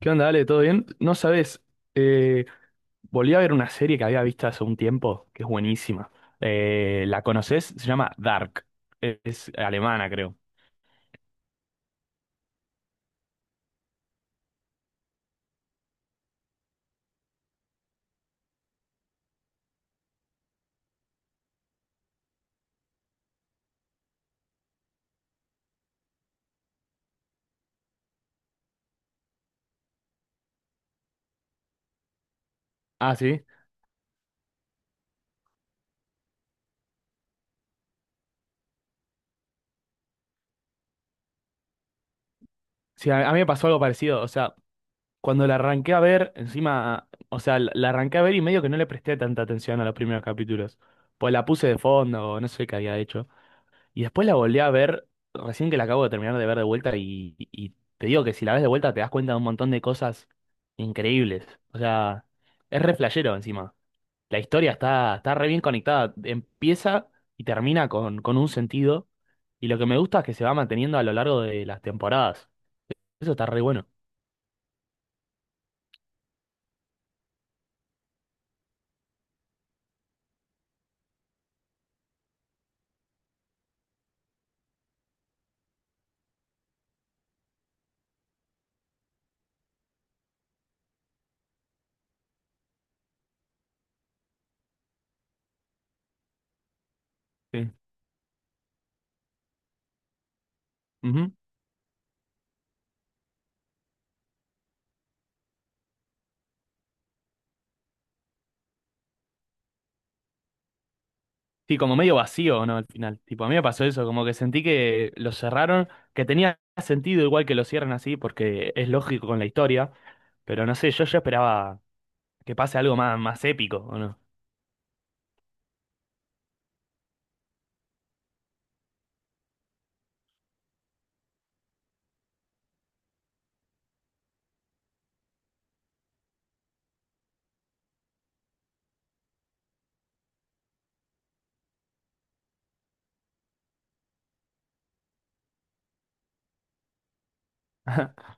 ¿Qué onda, Ale? ¿Todo bien? No sabes, eh, volví a ver una serie que había visto hace un tiempo, que es buenísima. ¿La conoces? Se llama Dark. Es alemana, creo. Ah, sí. Sí, a mí me pasó algo parecido. O sea, cuando la arranqué a ver, encima, o sea, la arranqué a ver y medio que no le presté tanta atención a los primeros capítulos. Pues la puse de fondo, no sé qué había hecho. Y después la volví a ver, recién que la acabo de terminar de ver de vuelta y te digo que si la ves de vuelta te das cuenta de un montón de cosas increíbles. O sea, es re flashero encima. La historia está re bien conectada. Empieza y termina con un sentido. Y lo que me gusta es que se va manteniendo a lo largo de las temporadas. Eso está re bueno. Sí. Ujú. Sí, como medio vacío, ¿no? Al final. Tipo, a mí me pasó eso, como que sentí que lo cerraron, que tenía sentido igual que lo cierren así, porque es lógico con la historia. Pero no sé, yo ya esperaba que pase algo más, más épico, ¿o no?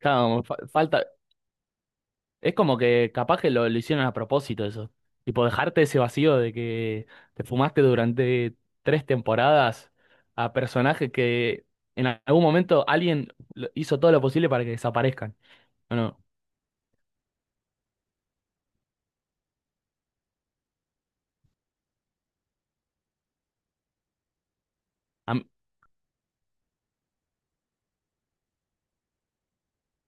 Claro, falta. Es como que capaz que lo hicieron a propósito eso. Tipo, dejarte ese vacío de que te fumaste durante tres temporadas a personajes que en algún momento alguien hizo todo lo posible para que desaparezcan. Bueno, a m-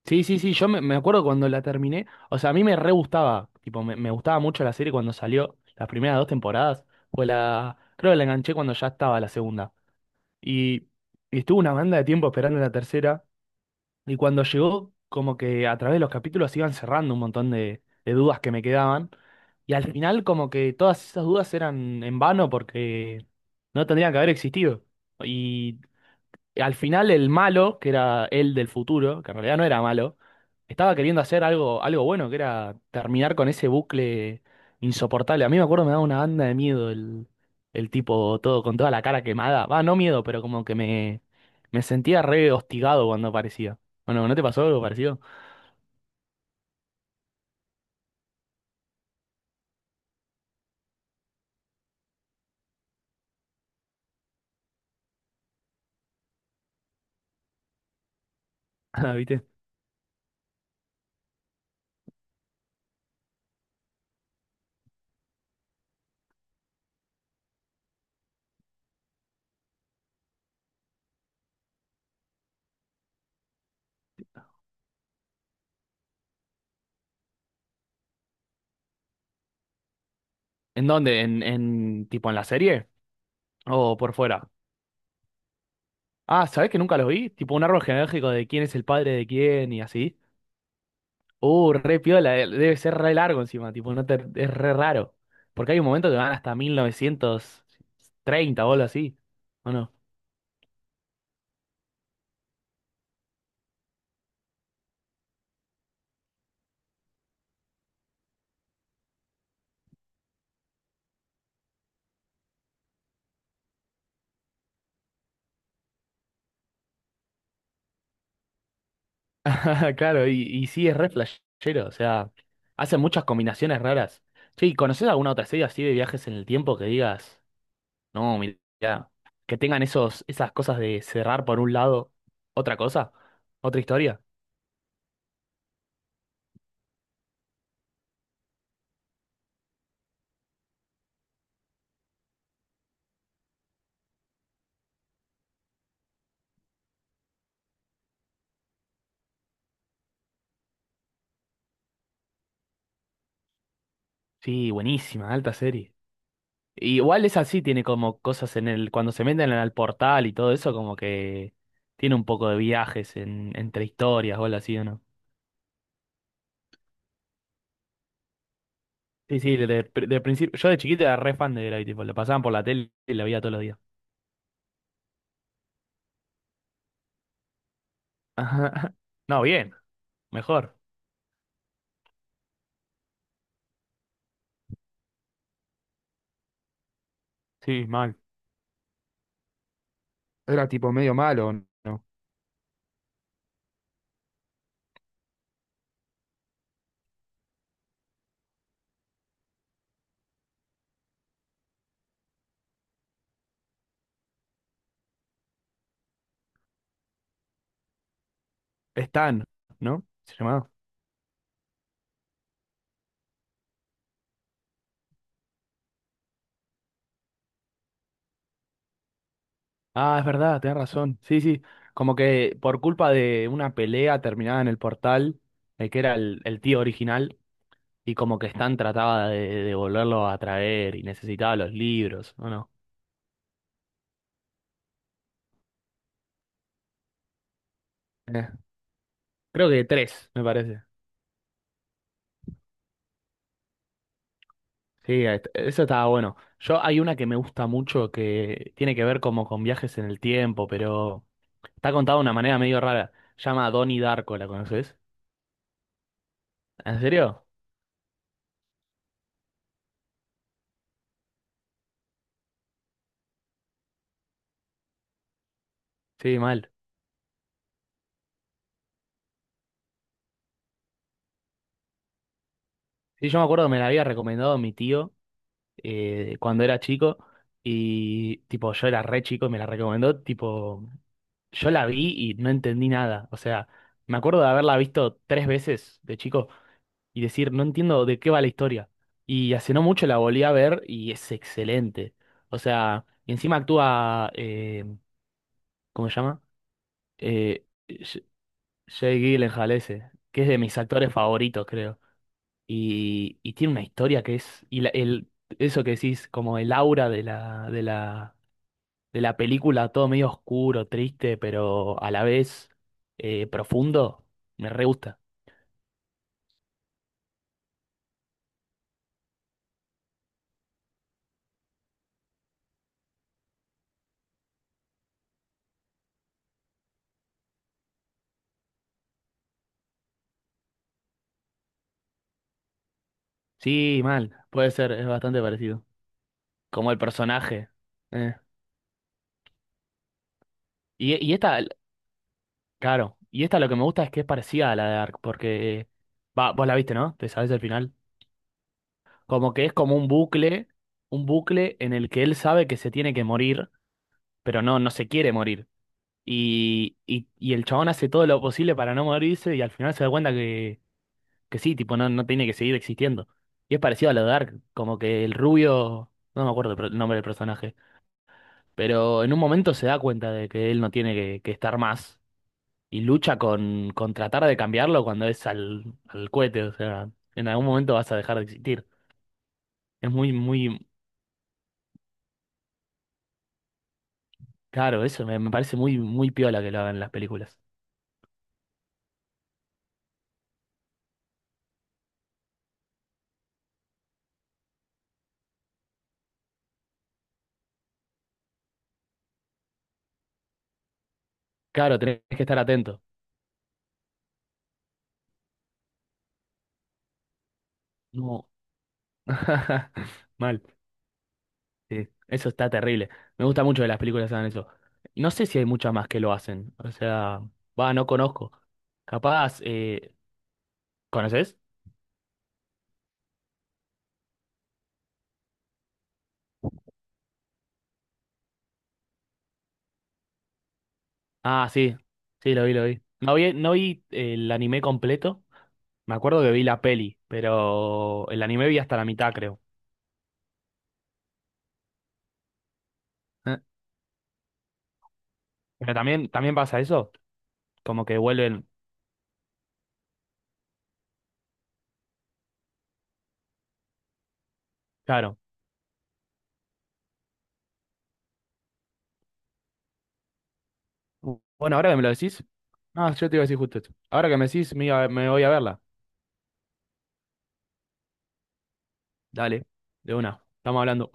sí, sí, sí, me acuerdo cuando la terminé. O sea, a mí me re gustaba. Tipo, me gustaba mucho la serie cuando salió. Las primeras dos temporadas. Fue la. Creo que la enganché cuando ya estaba la segunda. Y, y estuvo una banda de tiempo esperando la tercera. Y cuando llegó, como que a través de los capítulos iban cerrando un montón de dudas que me quedaban. Y al final, como que todas esas dudas eran en vano porque no tendrían que haber existido. Y al final el malo, que era él del futuro, que en realidad no era malo, estaba queriendo hacer algo, algo bueno, que era terminar con ese bucle insoportable. A mí me acuerdo me daba una banda de miedo el tipo todo con toda la cara quemada. Va, no miedo, pero como que me sentía re hostigado cuando aparecía. Bueno, ¿no te pasó algo parecido? Ah, ¿viste? ¿En dónde? ¿En tipo en la serie? ¿O por fuera? Ah, ¿sabés que nunca los vi? Tipo un árbol genealógico de quién es el padre de quién y así. Re piola, debe ser re largo encima, tipo, no te, es re raro. Porque hay un momento que van hasta 1930 o algo así, ¿o no? Claro, y sí, es re flashero, o sea, hacen muchas combinaciones raras. Che, ¿conoces alguna otra serie así de viajes en el tiempo que digas, no, mirá, que tengan esos, esas cosas de cerrar por un lado otra cosa, otra historia? Sí, buenísima, alta serie. Igual es así, tiene como cosas en el, cuando se meten en el portal y todo eso, como que tiene un poco de viajes en, entre historias o algo así, ¿o no? Sí, sí, de, principio, yo de chiquito era re fan de Gravity Falls, la pasaban por la tele y la veía todos los días. Ajá. No, bien, mejor. Sí, mal. Era tipo medio malo, ¿no? Stan, ¿no? Se llamaba. Ah, es verdad, tenés razón. Sí, sí. Como que por culpa de una pelea terminada en el portal, el que era el tío original. Y como que Stan trataba de volverlo a traer y necesitaba los libros, ¿o no? Eh, creo que tres, me parece. Sí, ahí eso estaba bueno. Yo hay una que me gusta mucho que tiene que ver como con viajes en el tiempo, pero está contada de una manera medio rara. Llama Donnie Darko, ¿la conoces? ¿En serio? Sí, mal. Sí, yo me acuerdo que me la había recomendado mi tío, cuando era chico y tipo yo era re chico y me la recomendó, tipo yo la vi y no entendí nada, o sea, me acuerdo de haberla visto tres veces de chico y decir, no entiendo de qué va la historia. Y hace no mucho la volví a ver y es excelente, o sea, y encima actúa, ¿cómo se llama? Eh, Sh- Jake Gyllenhaal ese, que es de mis actores favoritos, creo y tiene una historia que es, eso que decís, como el aura de la película, todo medio oscuro, triste, pero a la vez profundo, me re gusta. Sí, mal, puede ser, es bastante parecido. Como el personaje. eh. Y esta, claro, y esta lo que me gusta es que es parecida a la de Dark, porque, va, vos la viste, ¿no? Te sabes el final. Como que es como un bucle en el que él sabe que se tiene que morir, pero no, no se quiere morir. Y el chabón hace todo lo posible para no morirse y al final se da cuenta que sí, tipo, no, no tiene que seguir existiendo. Y es parecido a lo de Dark, como que el rubio, no me acuerdo el el nombre del personaje, pero en un momento se da cuenta de que él no tiene que estar más y lucha con tratar de cambiarlo cuando es al cohete, o sea, en algún momento vas a dejar de existir. Es muy, muy, claro, eso me, me parece muy, muy piola que lo hagan en las películas. Claro, tenés que estar atento. No. Mal. Sí, eso está terrible. Me gusta mucho que las películas hagan eso. Y no sé si hay muchas más que lo hacen. O sea, va, no conozco. Capaz, ¿conoces? Ah, sí, sí, lo vi, lo vi. No vi, no vi el anime completo. Me acuerdo que vi la peli, pero el anime vi hasta la mitad, creo. Eh, Pero también, también pasa eso, como que vuelven, claro. Bueno, ahora que me lo decís, no, yo te iba a decir justo esto. Ahora que me decís, me voy a verla. Dale, de una, estamos hablando.